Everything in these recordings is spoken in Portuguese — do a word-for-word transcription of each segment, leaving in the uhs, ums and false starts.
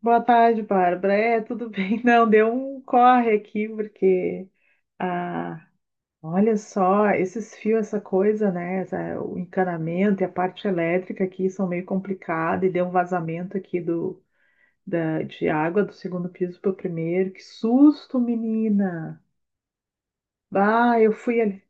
Boa tarde, Bárbara. É, tudo bem? Não, deu um corre aqui, porque, ah, olha só, esses fios, essa coisa, né? essa- o encanamento e a parte elétrica aqui são meio complicadas e deu um vazamento aqui do, da, de água do segundo piso para o primeiro. Que susto, menina! Bah, eu fui ali.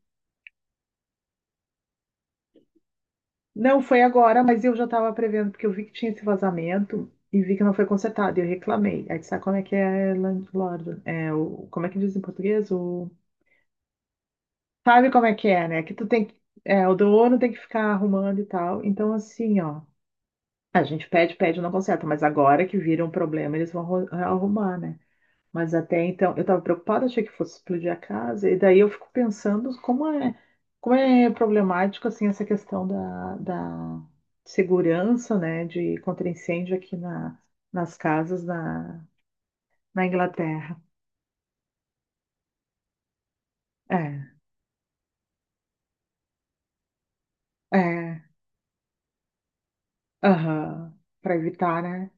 Não, foi agora, mas eu já estava prevendo, porque eu vi que tinha esse vazamento e vi que não foi consertado, e eu reclamei. Aí tu sabe como é que é landlord? É, o, como é que diz em português? O sabe como é que é, né? Que tu tem que, é, o dono tem que ficar arrumando e tal. Então, assim, ó, a gente pede, pede, não conserta, mas agora que vira um problema, eles vão arru- arrumar, né? Mas até então, eu tava preocupada, achei que fosse explodir a casa, e daí eu fico pensando como é, como é problemático, assim, essa questão da, da segurança, né, de contra incêndio aqui na, nas casas na, na Inglaterra. É, é, aham, para evitar, né?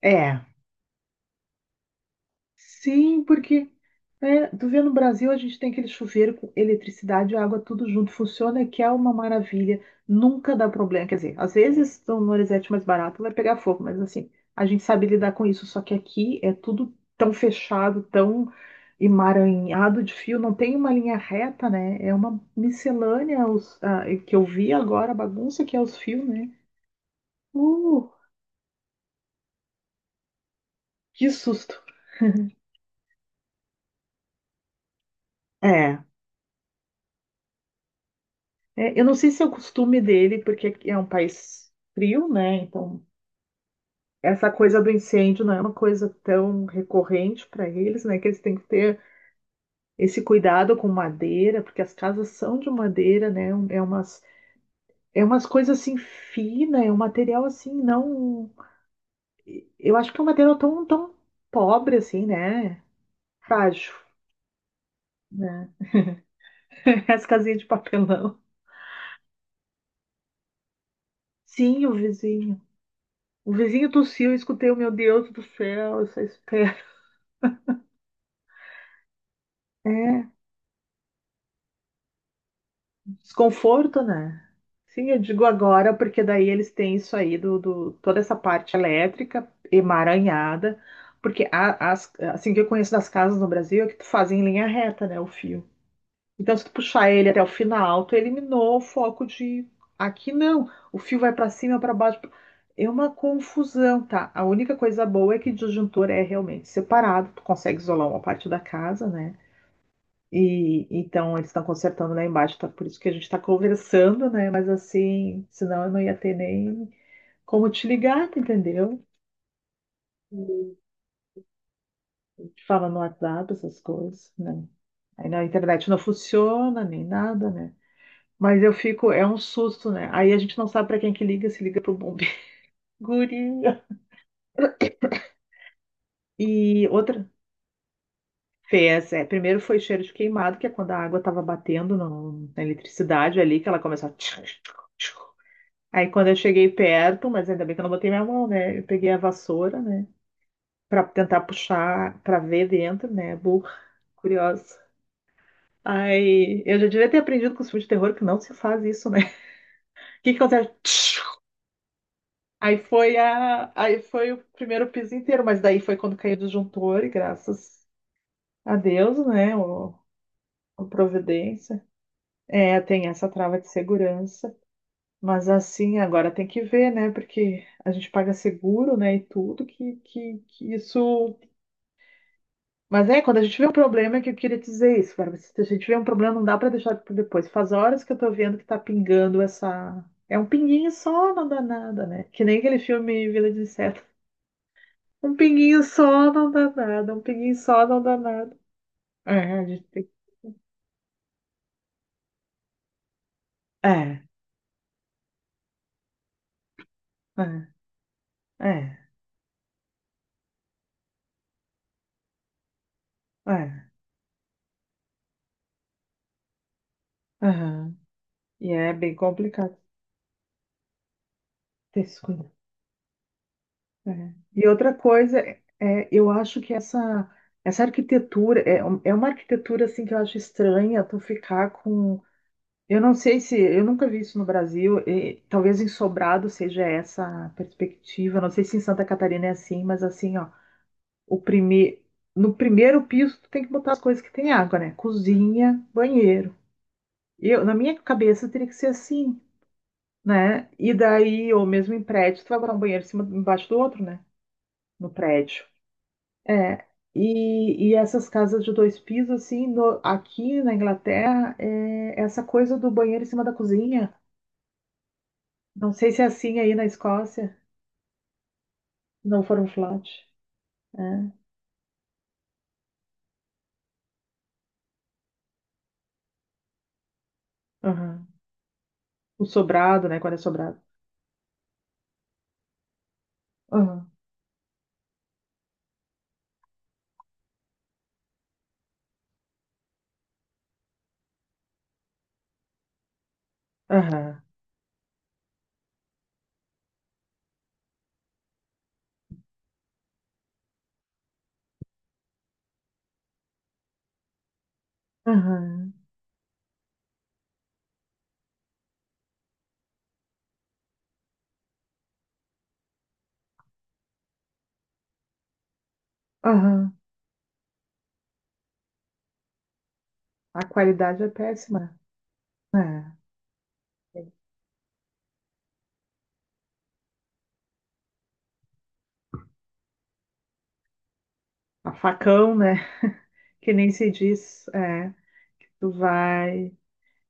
É. Sim, porque né, tu vê no Brasil a gente tem aquele chuveiro com eletricidade e água tudo junto, funciona, que é uma maravilha, nunca dá problema. Quer dizer, às vezes no Norizete mais barato vai pegar fogo, mas assim, a gente sabe lidar com isso, só que aqui é tudo tão fechado, tão emaranhado de fio, não tem uma linha reta, né? É uma miscelânea os, ah, que eu vi agora, a bagunça que é os fios, né? Uh, que susto! É É, eu não sei se é o costume dele, porque aqui é um país frio, né? Então, essa coisa do incêndio não é uma coisa tão recorrente para eles, né? Que eles têm que ter esse cuidado com madeira, porque as casas são de madeira, né? É umas, é umas coisas assim finas, é um material assim, não. Eu acho que é um material tão, tão pobre, assim, né? Frágil, né? As casinhas de papelão. Sim, o vizinho. O vizinho tossiu, eu escutei, meu Deus do céu, essa espera. É, desconforto, né? Sim, eu digo agora, porque daí eles têm isso aí do, do- toda essa parte elétrica emaranhada, porque a- as, assim que eu conheço das casas no Brasil é que tu faz em linha reta, né, o fio. Então, se tu puxar ele até o final, tu eliminou o foco de aqui não, o fio vai para cima, para baixo. pra- É uma confusão, tá? A única coisa boa é que disjuntor é realmente separado, tu consegue isolar uma parte da casa, né? E então eles estão consertando lá embaixo, tá? Por isso que a gente está conversando, né? Mas assim, senão eu não ia ter nem como te ligar, tu entendeu? Te fala no WhatsApp, essas coisas, né? Aí na internet não funciona, nem nada, né? Mas eu fico, é um susto, né? Aí a gente não sabe para quem que liga, se liga pro bombeiro. Guria. E outra fez, é, primeiro foi cheiro de queimado, que é quando a água estava batendo no- na eletricidade ali, que ela começou a tchic, tchic, tchic. Aí quando eu cheguei perto, mas ainda bem que eu não botei minha mão, né? Eu peguei a vassoura, né? Pra tentar puxar, pra ver dentro, né? Burra, curiosa. Aí eu já devia ter aprendido com os filmes de terror que não se faz isso, né? O que que acontece? Tchiu! Aí foi a, aí foi o primeiro piso inteiro, mas daí foi quando caiu o disjuntor e graças a Deus, né? O, a providência. É, tem essa trava de segurança. Mas assim, agora tem que ver, né? Porque a gente paga seguro, né? E tudo que, que, que isso. Mas é, quando a gente vê um problema, é que eu queria dizer isso, cara. Se a gente vê um problema, não dá pra deixar por depois. Faz horas que eu tô vendo que tá pingando essa. É um pinguinho só, não dá nada, né? Que nem aquele filme Vila de Inseto. Um pinguinho só não dá nada, um pinguinho só não dá nada. É, a gente tem. É, é, é, é. Aham. E é bem complicado ter isso é. E outra coisa, é, eu acho que essa, essa arquitetura é, um- é uma arquitetura assim que eu acho estranha tu ficar com. Eu não sei se eu nunca vi isso no Brasil, e talvez em Sobrado seja essa a perspectiva. Não sei se em Santa Catarina é assim, mas assim, ó, o prime... no primeiro piso tu tem que botar as coisas que tem água, né? Cozinha, banheiro. Eu, na minha cabeça teria que ser assim, né? E daí, ou mesmo em prédio, tu vai botar um banheiro em cima, embaixo do outro, né? No prédio. É, e, e essas casas de dois pisos, assim, no- aqui na Inglaterra, é essa coisa do banheiro em cima da cozinha. Não sei se é assim aí na Escócia, não foram flat. É. Aham. O sobrado, né? Quando é sobrado. Aham, aham, aham, aham. A qualidade é péssima. É. A facão, né? Que nem se diz. É. Tu vai.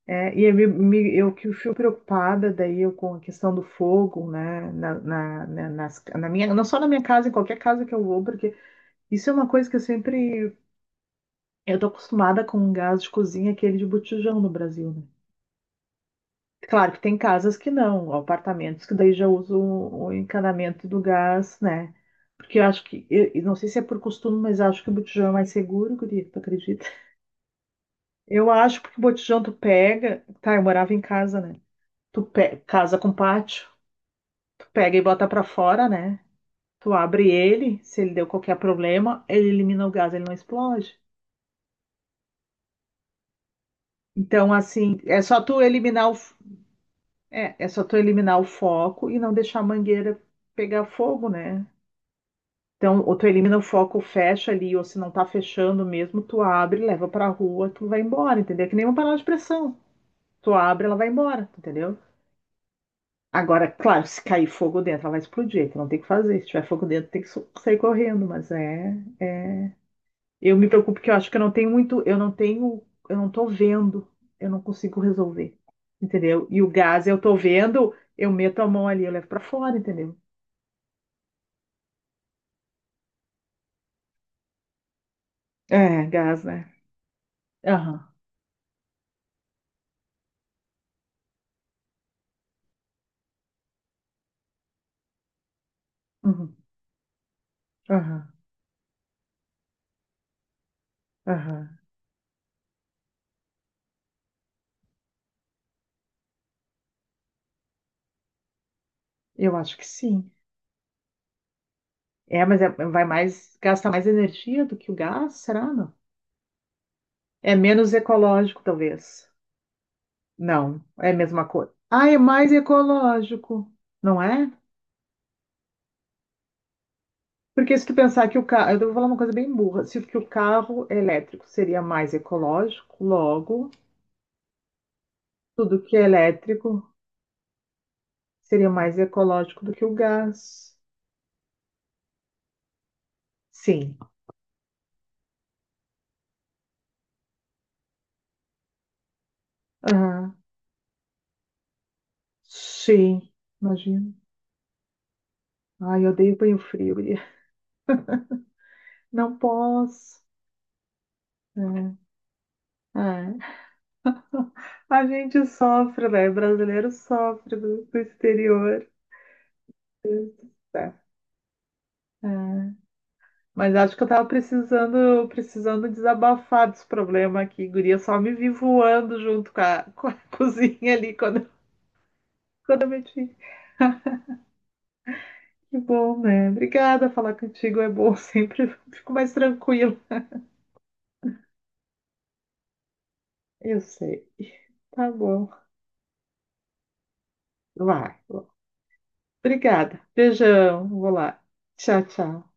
É, e eu, me, me- eu que fui preocupada daí eu com a questão do fogo, né, na, na, na- nas, na minha, não só na minha casa, em qualquer casa que eu vou, porque isso é uma coisa que eu sempre, eu tô acostumada com um gás de cozinha, aquele de botijão no Brasil, né? Claro que tem casas que não, apartamentos que daí já usam o encanamento do gás, né? Porque eu acho que, eu, eu não sei se é por costume, mas acho que o botijão é mais seguro, guria, tu acredita? Eu acho porque o botijão tu pega, tá, eu morava em casa, né? Tu pe- casa com pátio. Tu pega e bota pra fora, né? Tu abre ele, se ele deu qualquer problema, ele elimina o gás, ele não explode. Então, assim, é só tu eliminar o, é, é só tu eliminar o foco e não deixar a mangueira pegar fogo, né? Então, ou tu elimina o foco, fecha ali, ou se não tá fechando mesmo, tu abre, leva pra rua, tu vai embora, entendeu? É que nem uma panela de pressão. Tu abre, ela vai embora, entendeu? Agora, claro, se cair fogo dentro, ela vai explodir, tu não tem o que fazer. Se tiver fogo dentro, tem que su- sair correndo, mas é, eu me preocupo que eu acho que eu não tenho muito, eu não tenho, eu não tô vendo, eu não consigo resolver, entendeu? E o gás eu tô vendo, eu meto a mão ali, eu levo pra fora, entendeu? É, gás, né? Aham, uhum, aham, aham. Eu acho que sim. É, mas é- vai mais, gasta mais energia do que o gás, será, não? É menos ecológico, talvez. Não, é a mesma coisa. Ah, é mais ecológico, não é? Porque se tu pensar que o carro, eu vou falar uma coisa bem burra, se que o carro elétrico seria mais ecológico, logo, tudo que é elétrico seria mais ecológico do que o gás. Sim. Aham. Sim. Imagina. Ai, eu odeio banho frio, guria. Não posso. É. É. A gente sofre, né? Brasileiro sofre do, do exterior. É. Mas acho que eu tava precisando, precisando desabafar desse problema aqui, guria. Só me vi voando junto com a, com a cozinha ali quando, quando eu meti. Que bom, né? Obrigada, falar contigo é bom, sempre fico mais tranquilo. Eu sei. Tá bom. Vai. Obrigada. Beijão. Vou lá. Tchau, tchau.